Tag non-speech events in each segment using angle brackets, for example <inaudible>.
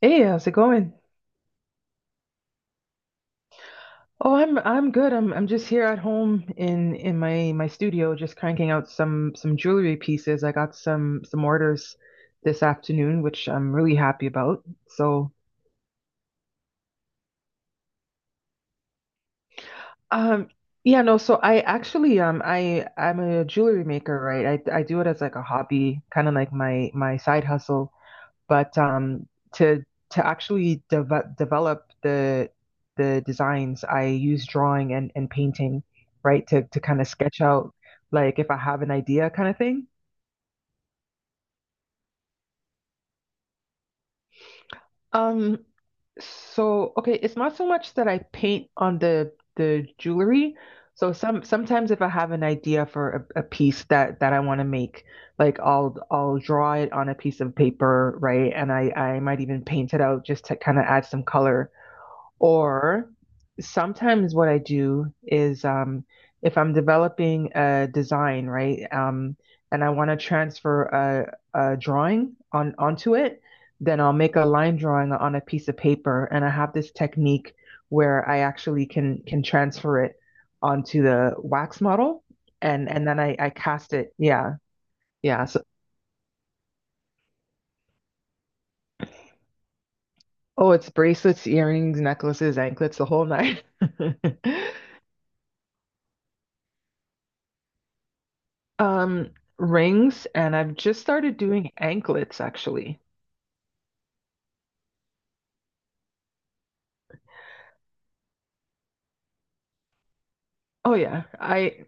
Hey, how's it going? Oh, I'm good. I'm just here at home in my studio, just cranking out some jewelry pieces. I got some orders this afternoon, which I'm really happy about. So, um, yeah, no. So I actually I'm a jewelry maker, right? I do it as like a hobby, kind of like my side hustle. But to to actually develop the designs, I use drawing and painting, right? To kind of sketch out like if I have an idea kind of thing. Um, so okay, it's not so much that I paint on the jewelry. So sometimes if I have an idea for a piece that I want to make, like I'll draw it on a piece of paper, right? And I might even paint it out just to kind of add some color. Or sometimes what I do is if I'm developing a design, right, and I want to transfer a drawing on onto it, then I'll make a line drawing on a piece of paper, and I have this technique where I actually can transfer it onto the wax model, and then I cast it. Yeah, yeah. So oh, it's bracelets, earrings, necklaces, anklets, the whole nine. <laughs> Um, Rings, and I've just started doing anklets actually. Oh yeah, I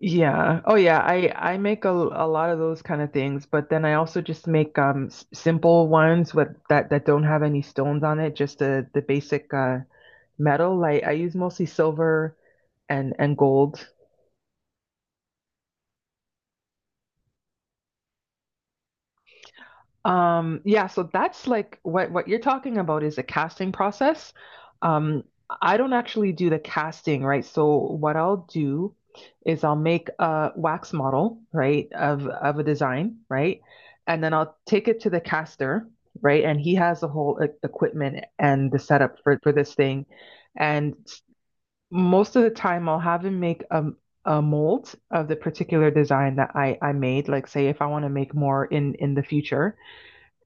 yeah. Oh yeah, I make a lot of those kind of things, but then I also just make s simple ones with that don't have any stones on it, just the basic metal. Like I use mostly silver and gold. Yeah, so that's like what you're talking about is a casting process. Um, I don't actually do the casting, right? So what I'll do is I'll make a wax model, right, of a design, right? And then I'll take it to the caster, right? And he has the whole equipment and the setup for this thing. And most of the time I'll have him make a mold of the particular design that I made, like say if I want to make more in the future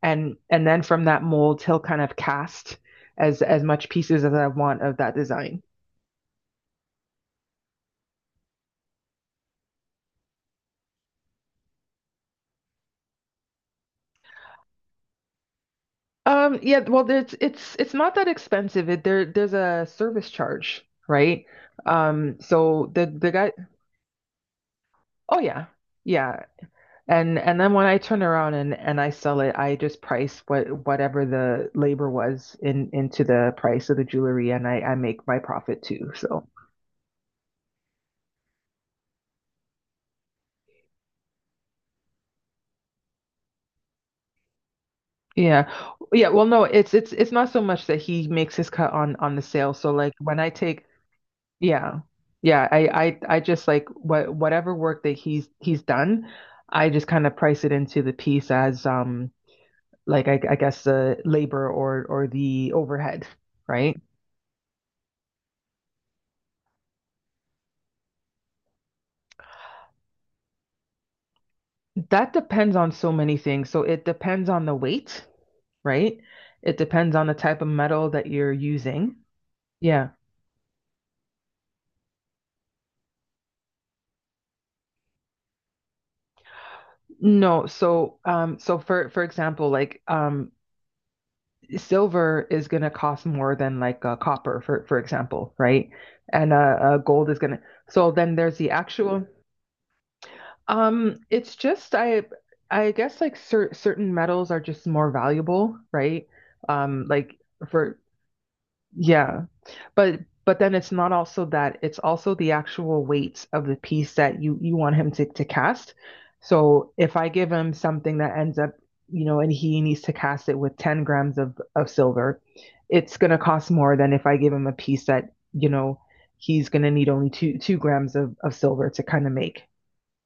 and then from that mold he'll kind of cast as much pieces as I want of that design. Yeah, well, it's not that expensive. It, there there's a service charge, right? So the guy, oh yeah, yeah, and then when I turn around and I sell it, I just price whatever the labor was in into the price of the jewelry, and I make my profit too. So yeah. Yeah, well no, it's not so much that he makes his cut on the sale. So like when I take yeah. Yeah, I just like whatever work that he's done, I just kind of price it into the piece as like I guess the labor or the overhead, right? That depends on so many things. So it depends on the weight, right? It depends on the type of metal that you're using. Yeah. No, so for example, like silver is going to cost more than like copper, for example, right? And gold is going to. So then there's the actual. It's just I guess like certain metals are just more valuable, right? Like for yeah. But then it's not also that, it's also the actual weight of the piece that you want him to cast. So if I give him something that ends up, you know, and he needs to cast it with 10 grams of silver, it's going to cost more than if I give him a piece that, you know, he's going to need only 2 grams of silver to kind of make.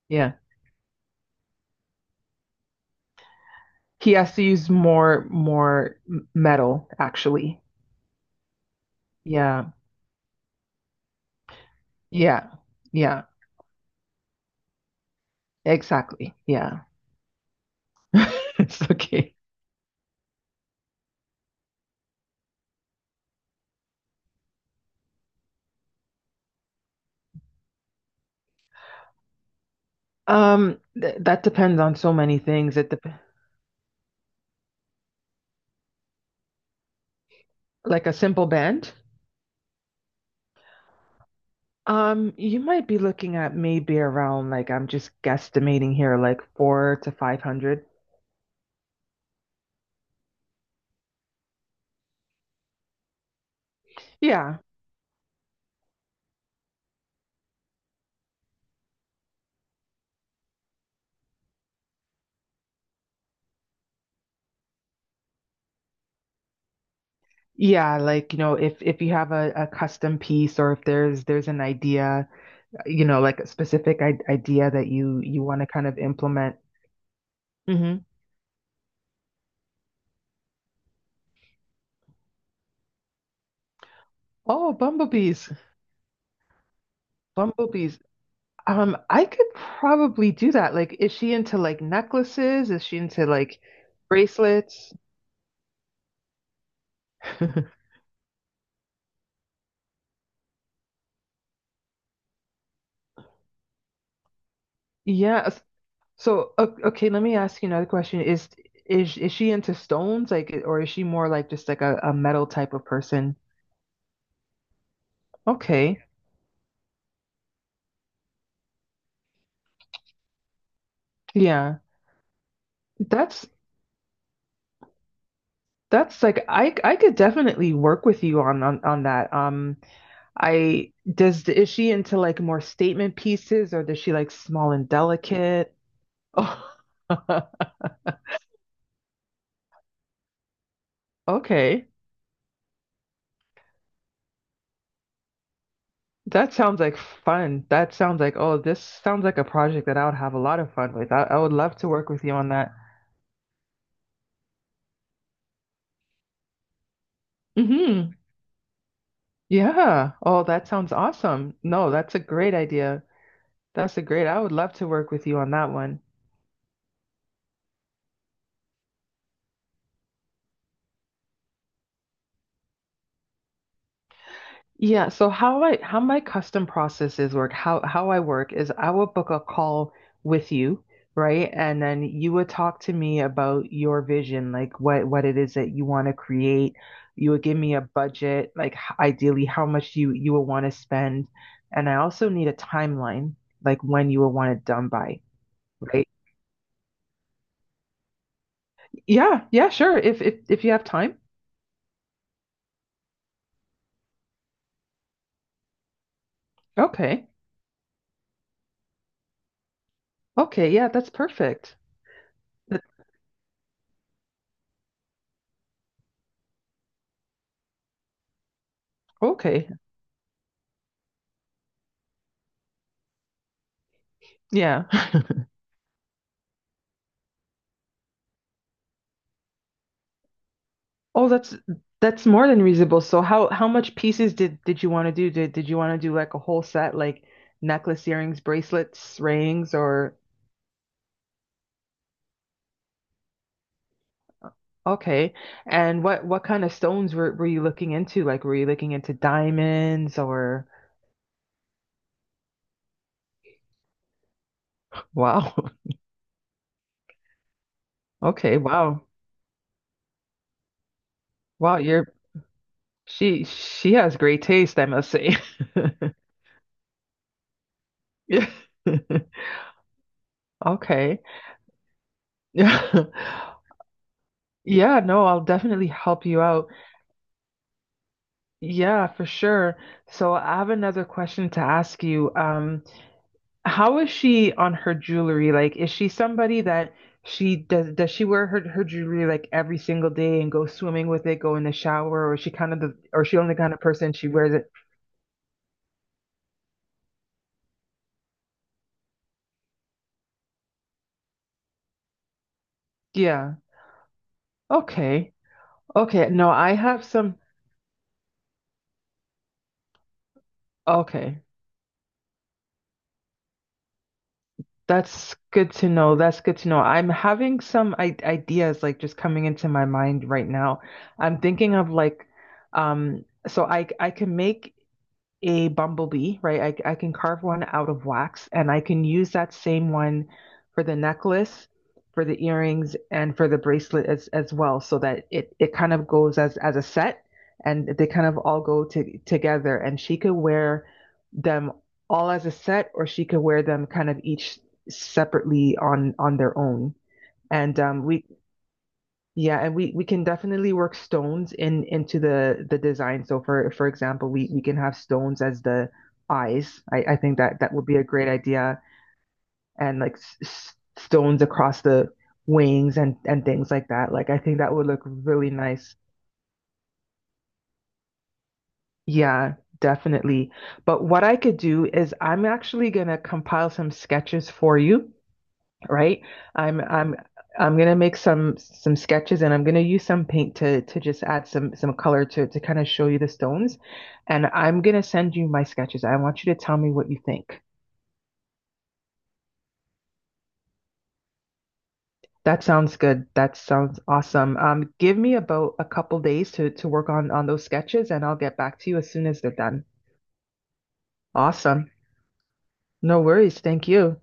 Yeah. He has to use more metal actually. Yeah. Yeah. Yeah. Exactly. Yeah. <laughs> It's okay. Th That depends on so many things. It dep Like a simple band. You might be looking at maybe around like I'm just guesstimating here, like four to five hundred. Yeah. Yeah, like you know, if you have a custom piece or if there's an idea, you know, like a specific I idea that you want to kind of implement. Hmm. Oh, bumblebees. Bumblebees. I could probably do that. Like, is she into like necklaces? Is she into like bracelets? <laughs> Yeah. So, okay, let me ask you another question. Is she into stones, like, or is she more like just like a metal type of person? Okay. Yeah. That's that's like I could definitely work with you on that. I does is she into like more statement pieces, or does she like small and delicate? Oh, <laughs> okay. That sounds like fun. That sounds like, oh, this sounds like a project that I would have a lot of fun with. I would love to work with you on that. Hmm. Yeah. Oh, that sounds awesome. No, that's a great idea. That's a great. I would love to work with you on that one. Yeah, so how my custom processes work, how I work is I will book a call with you, right? And then you would talk to me about your vision, like what it is that you want to create. You would give me a budget, like ideally how much you would want to spend. And I also need a timeline, like when you would want it done by, right? Yeah, yeah, sure. If you have time. Okay. Okay. Yeah, that's perfect. That, okay. Yeah. <laughs> Oh, that's more than reasonable. So how much pieces did you want to do? Did you want to do like a whole set, like necklace, earrings, bracelets, rings, or okay. And what kind of stones were you looking into? Like were you looking into diamonds or wow. <laughs> Okay, wow. Wow, you're she has great taste, I must say. <laughs> Yeah. <laughs> Okay. Yeah. <laughs> Yeah, no, I'll definitely help you out. Yeah, for sure. So I have another question to ask you. How is she on her jewelry? Like, is she somebody that she does she wear her jewelry like every single day and go swimming with it, go in the shower, or is she kind of the or is she only kind of person she wears it? Yeah. Okay. Okay. No, I have some. Okay. That's good to know. That's good to know. I'm having some I ideas like just coming into my mind right now. I'm thinking of like so I can make a bumblebee, right? I can carve one out of wax and I can use that same one for the necklace, for the earrings, and for the bracelet as well, so that it kind of goes as a set and they kind of all go together. And she could wear them all as a set or she could wear them kind of each separately on their own. And yeah, and we can definitely work stones in into the design. So for example, we can have stones as the eyes. I think that that would be a great idea, and like stones across the wings and things like that. Like I think that would look really nice. Yeah, definitely. But what I could do is I'm actually gonna compile some sketches for you. Right? I'm I'm I'm gonna make some sketches and I'm gonna use some paint to just add some color to kind of show you the stones. And I'm gonna send you my sketches. I want you to tell me what you think. That sounds good. That sounds awesome. Give me about a couple days to work on those sketches and I'll get back to you as soon as they're done. Awesome. No worries. Thank you.